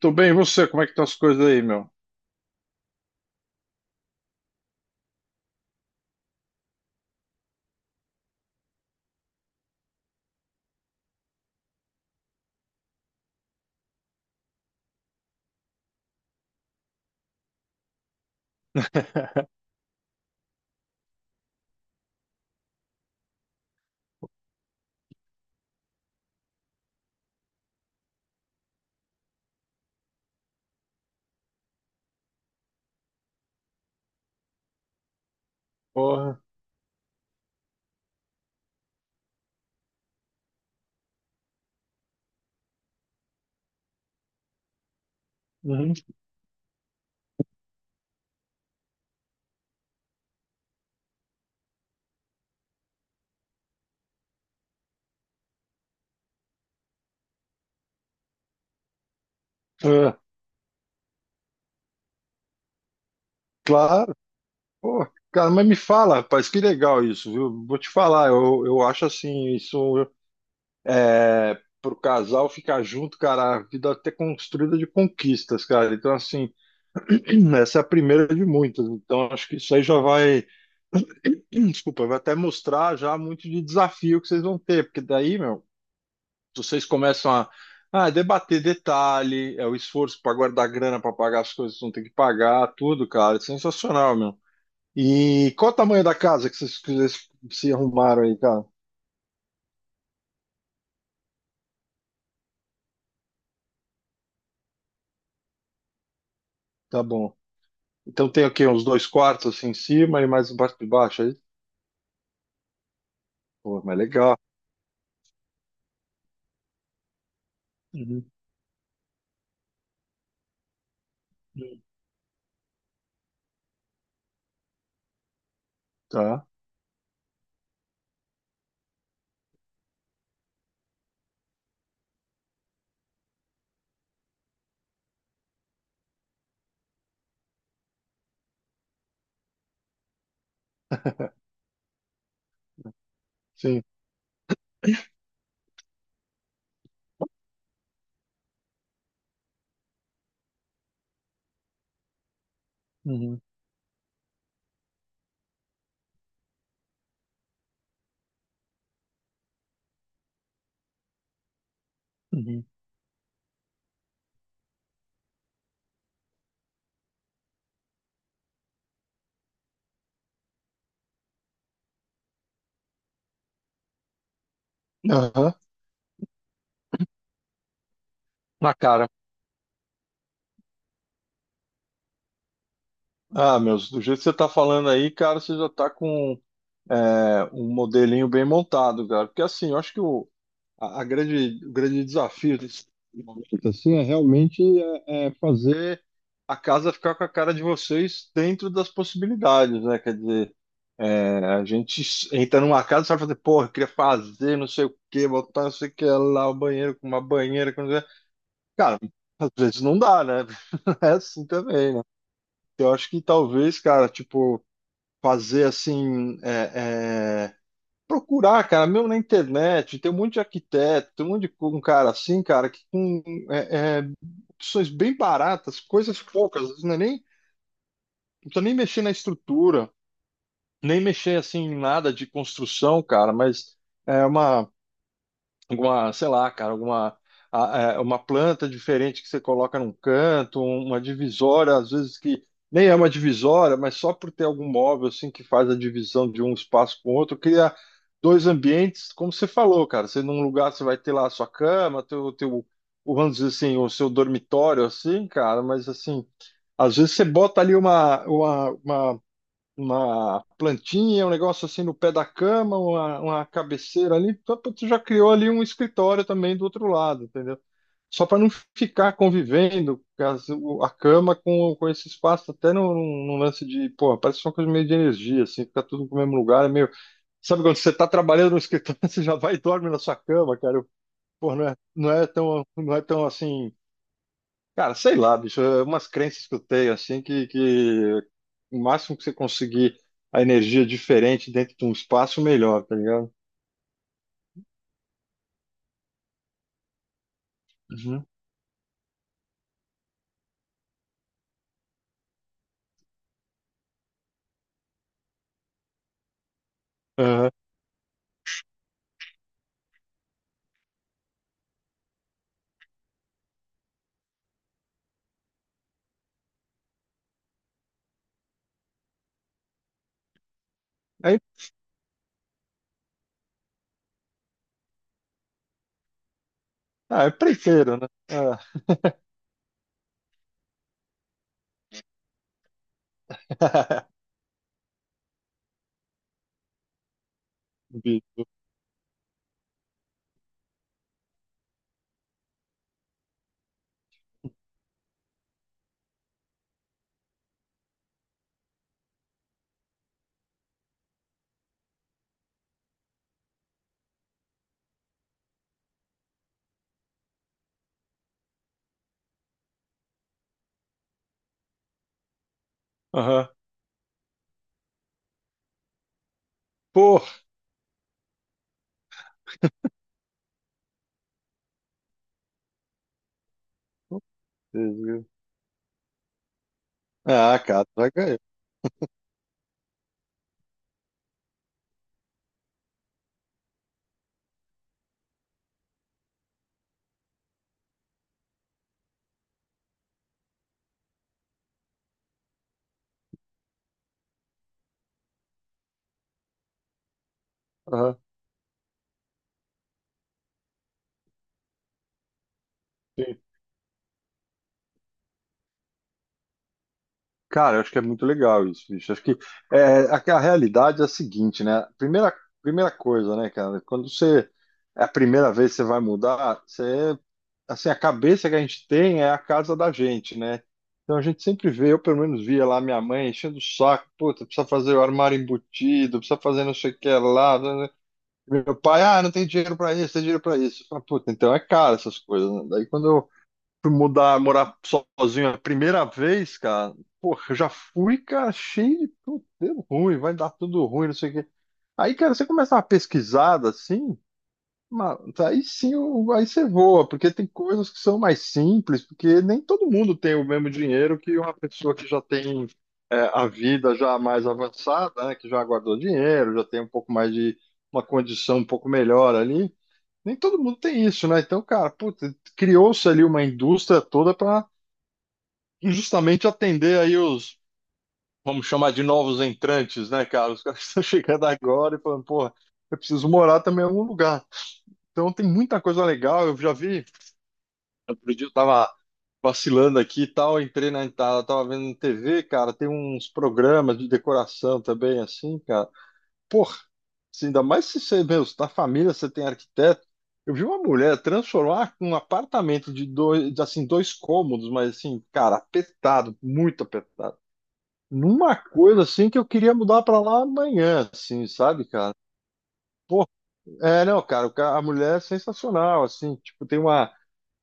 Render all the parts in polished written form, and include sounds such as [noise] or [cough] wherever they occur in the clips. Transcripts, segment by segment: Tô bem, e você? Como é que estão as coisas aí, meu? [laughs] Porra. Uhum. É, claro. Pô, cara, mas me fala, rapaz, que legal isso, viu? Vou te falar, eu acho assim, isso é pro casal ficar junto, cara, a vida até construída de conquistas, cara. Então, assim, [clears throat] essa é a primeira de muitas. Então, acho que isso aí já vai, [clears throat] desculpa, vai até mostrar já muito de desafio que vocês vão ter, porque daí, meu. Vocês começam a debater detalhe, é o esforço para guardar grana para pagar as coisas que não tem que pagar, tudo, cara. É sensacional, meu. E qual o tamanho da casa que vocês se arrumaram aí, cara? Tá bom. Então tem o quê? Uns dois quartos assim em cima e mais um quarto de baixo aí? Pô, mas legal. Uhum. Tá, sim. Uhum. Uhum. Aham. Na cara. Ah, meus, do jeito que você tá falando aí, cara, você já tá com um modelinho bem montado, cara. Porque assim, eu acho que a grande, o grande desafio desse momento assim, é realmente é fazer a casa ficar com a cara de vocês dentro das possibilidades, né? Quer dizer, é, a gente entra numa casa e vai fazer, porra, eu queria fazer não sei o que, botar não sei o que lá, o banheiro com uma banheira, com... não sei o quê." Cara, às vezes não dá, né? [laughs] Não é assim também, né? Eu acho que talvez, cara, tipo, fazer assim, procurar, cara, mesmo na internet, tem um monte de arquiteto, tem um monte de um cara assim, cara, que com é, é, opções bem baratas, coisas poucas, às vezes não é nem, não precisa nem mexer na estrutura, nem mexer assim em nada de construção, cara, mas é uma alguma, sei lá, cara, alguma uma planta diferente que você coloca num canto, um, uma divisória, às vezes que nem é uma divisória, mas só por ter algum móvel assim que faz a divisão de um espaço com o outro, cria dois ambientes, como você falou, cara. Você num lugar você vai ter lá a sua cama, teu o vamos dizer assim, o seu dormitório assim, cara, mas assim, às vezes você bota ali uma plantinha, um negócio assim no pé da cama, uma cabeceira ali, tu já criou ali um escritório também do outro lado, entendeu? Só para não ficar convivendo a cama com esse espaço, até num, num lance de, pô, parece uma coisa meio de energia, assim, fica tudo no mesmo lugar, é meio. Sabe quando você está trabalhando no escritório, [laughs] você já vai e dorme na sua cama, cara? Eu, pô, não é, não é tão assim. Cara, sei lá, bicho, é umas crenças que eu tenho, assim, que o máximo que você conseguir a energia diferente dentro de um espaço, melhor, tá ligado? Uhum. Aham. Aí, ah, é preteiro, né? Ah. [laughs] Bicho. Aham. Pô! Deus, viu? Ah, cara, vai ganhar. Aham. Cara, eu acho que é muito legal isso, bicho. Acho que é, a realidade é a seguinte, né? Primeira coisa, né, cara? Quando você é a primeira vez que você vai mudar, você assim, a cabeça que a gente tem é a casa da gente, né? Então a gente sempre vê, eu pelo menos via lá minha mãe enchendo o saco, puta, precisa fazer o armário embutido, precisa fazer não sei o que lá. Né? Né?" Meu pai, ah, não tem dinheiro pra isso, tem dinheiro pra isso. Eu falo, puta, então é caro essas coisas, né? Daí quando fui mudar, morar sozinho a primeira vez, cara, porra, eu já fui, cara, cheio de tudo deu ruim, vai dar tudo ruim, não sei o quê. Aí, cara, você começa uma pesquisada assim, mano, aí sim, aí você voa, porque tem coisas que são mais simples, porque nem todo mundo tem o mesmo dinheiro que uma pessoa que já tem é, a vida já mais avançada, né, que já guardou dinheiro, já tem um pouco mais de uma condição um pouco melhor ali nem todo mundo tem isso, né? Então, cara, puta, criou-se ali uma indústria toda para justamente atender aí os, vamos chamar de novos entrantes, né, cara? Os caras [laughs] estão chegando agora e falando, porra, eu preciso morar também em algum lugar. Então tem muita coisa legal, eu já vi, outro dia eu tava vacilando aqui e tal, entrei na tava vendo na TV, cara, tem uns programas de decoração também, assim, cara. Porra, assim, ainda mais se você, meu, se na família você tem arquiteto. Eu vi uma mulher transformar um apartamento de dois, de, assim, dois cômodos, mas assim, cara, apertado, muito apertado. Numa coisa assim que eu queria mudar pra lá amanhã, assim, sabe, cara? Pô, é, não, cara, a mulher é sensacional, assim, tipo, tem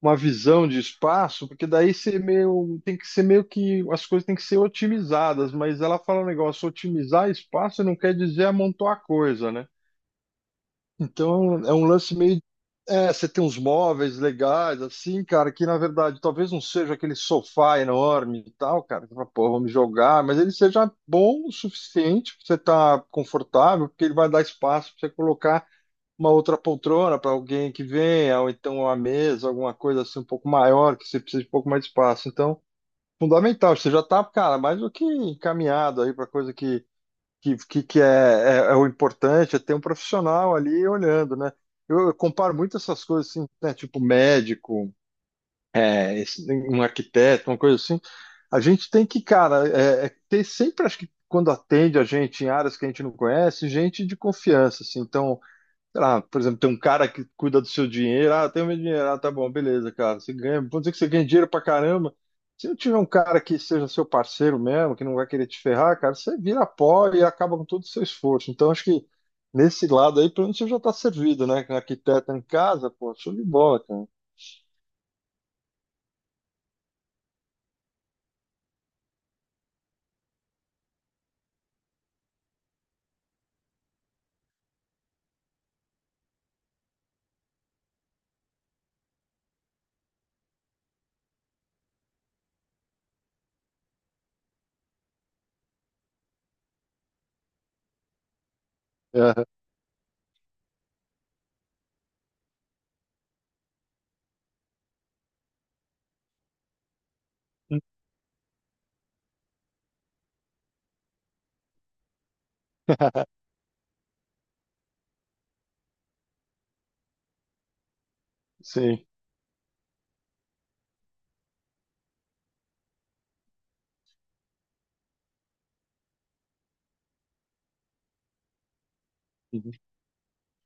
uma visão de espaço, porque daí você meio, tem que ser meio que, as coisas têm que ser otimizadas, mas ela fala um negócio, otimizar espaço não quer dizer amontoar coisa, né? Então é um lance meio. É, você tem uns móveis legais, assim, cara, que na verdade talvez não seja aquele sofá enorme e tal, cara, que você fala, pô, vou me jogar, mas ele seja bom o suficiente pra você estar confortável, porque ele vai dar espaço pra você colocar uma outra poltrona para alguém que venha, ou então uma mesa, alguma coisa assim um pouco maior, que você precisa de um pouco mais de espaço. Então, fundamental, você já tá, cara, mais do que encaminhado aí para coisa que é, é, é o importante, é ter um profissional ali olhando, né? Eu comparo muito essas coisas assim, né? Tipo médico, é, um arquiteto, uma coisa assim. A gente tem que, cara, é, é ter sempre, acho que quando atende a gente em áreas que a gente não conhece, gente de confiança, assim. Então, sei lá, por exemplo, tem um cara que cuida do seu dinheiro, ah, tem o meu dinheiro, ah, tá bom, beleza, cara, você ganha, vamos dizer que você ganha dinheiro pra caramba. Se não tiver um cara que seja seu parceiro mesmo, que não vai querer te ferrar, cara, você vira pó e acaba com todo o seu esforço. Então, acho que nesse lado aí, pelo menos você já tá servido, né? Com arquiteto em casa, pô, show de bola, cara. É, [laughs] sim.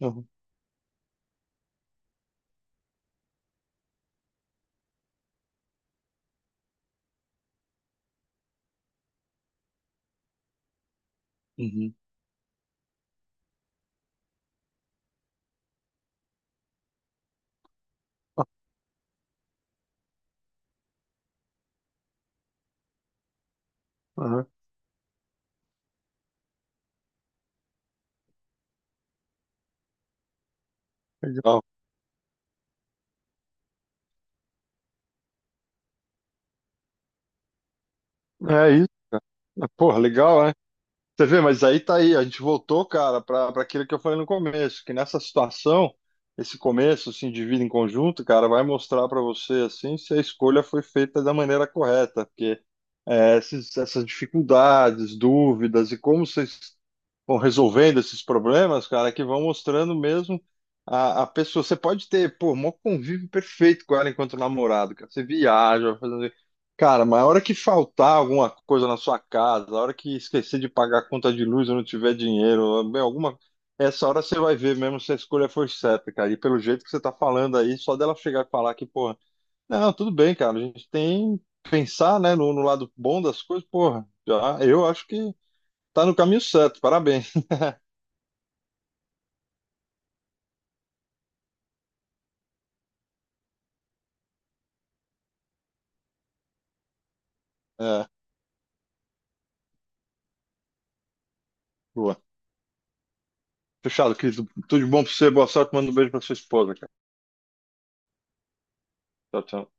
Uhum, uhum, uhum, uhum, legal. É isso. Porra, legal, né? Você vê, mas aí tá aí, a gente voltou, cara, para aquilo que eu falei no começo, que nessa situação, esse começo, assim, de vida em conjunto, cara, vai mostrar para você, assim, se a escolha foi feita da maneira correta, porque é, esses- essas dificuldades, dúvidas e como vocês vão resolvendo esses problemas, cara, que vão mostrando mesmo a pessoa. Você pode ter, pô, um convívio perfeito com ela enquanto namorado, cara, você viaja, vai fazendo cara, mas a hora que faltar alguma coisa na sua casa, a hora que esquecer de pagar a conta de luz ou não tiver dinheiro, bem, alguma. Essa hora você vai ver mesmo se a escolha foi certa, cara. E pelo jeito que você tá falando aí, só dela chegar e falar que, porra, não, tudo bem, cara, a gente tem que pensar, né, no, no lado bom das coisas, porra, já, eu acho que tá no caminho certo, parabéns. É, boa. Fechado, querido. Tudo de bom pra você, boa sorte, manda um beijo pra sua esposa, cara. Tchau, tchau.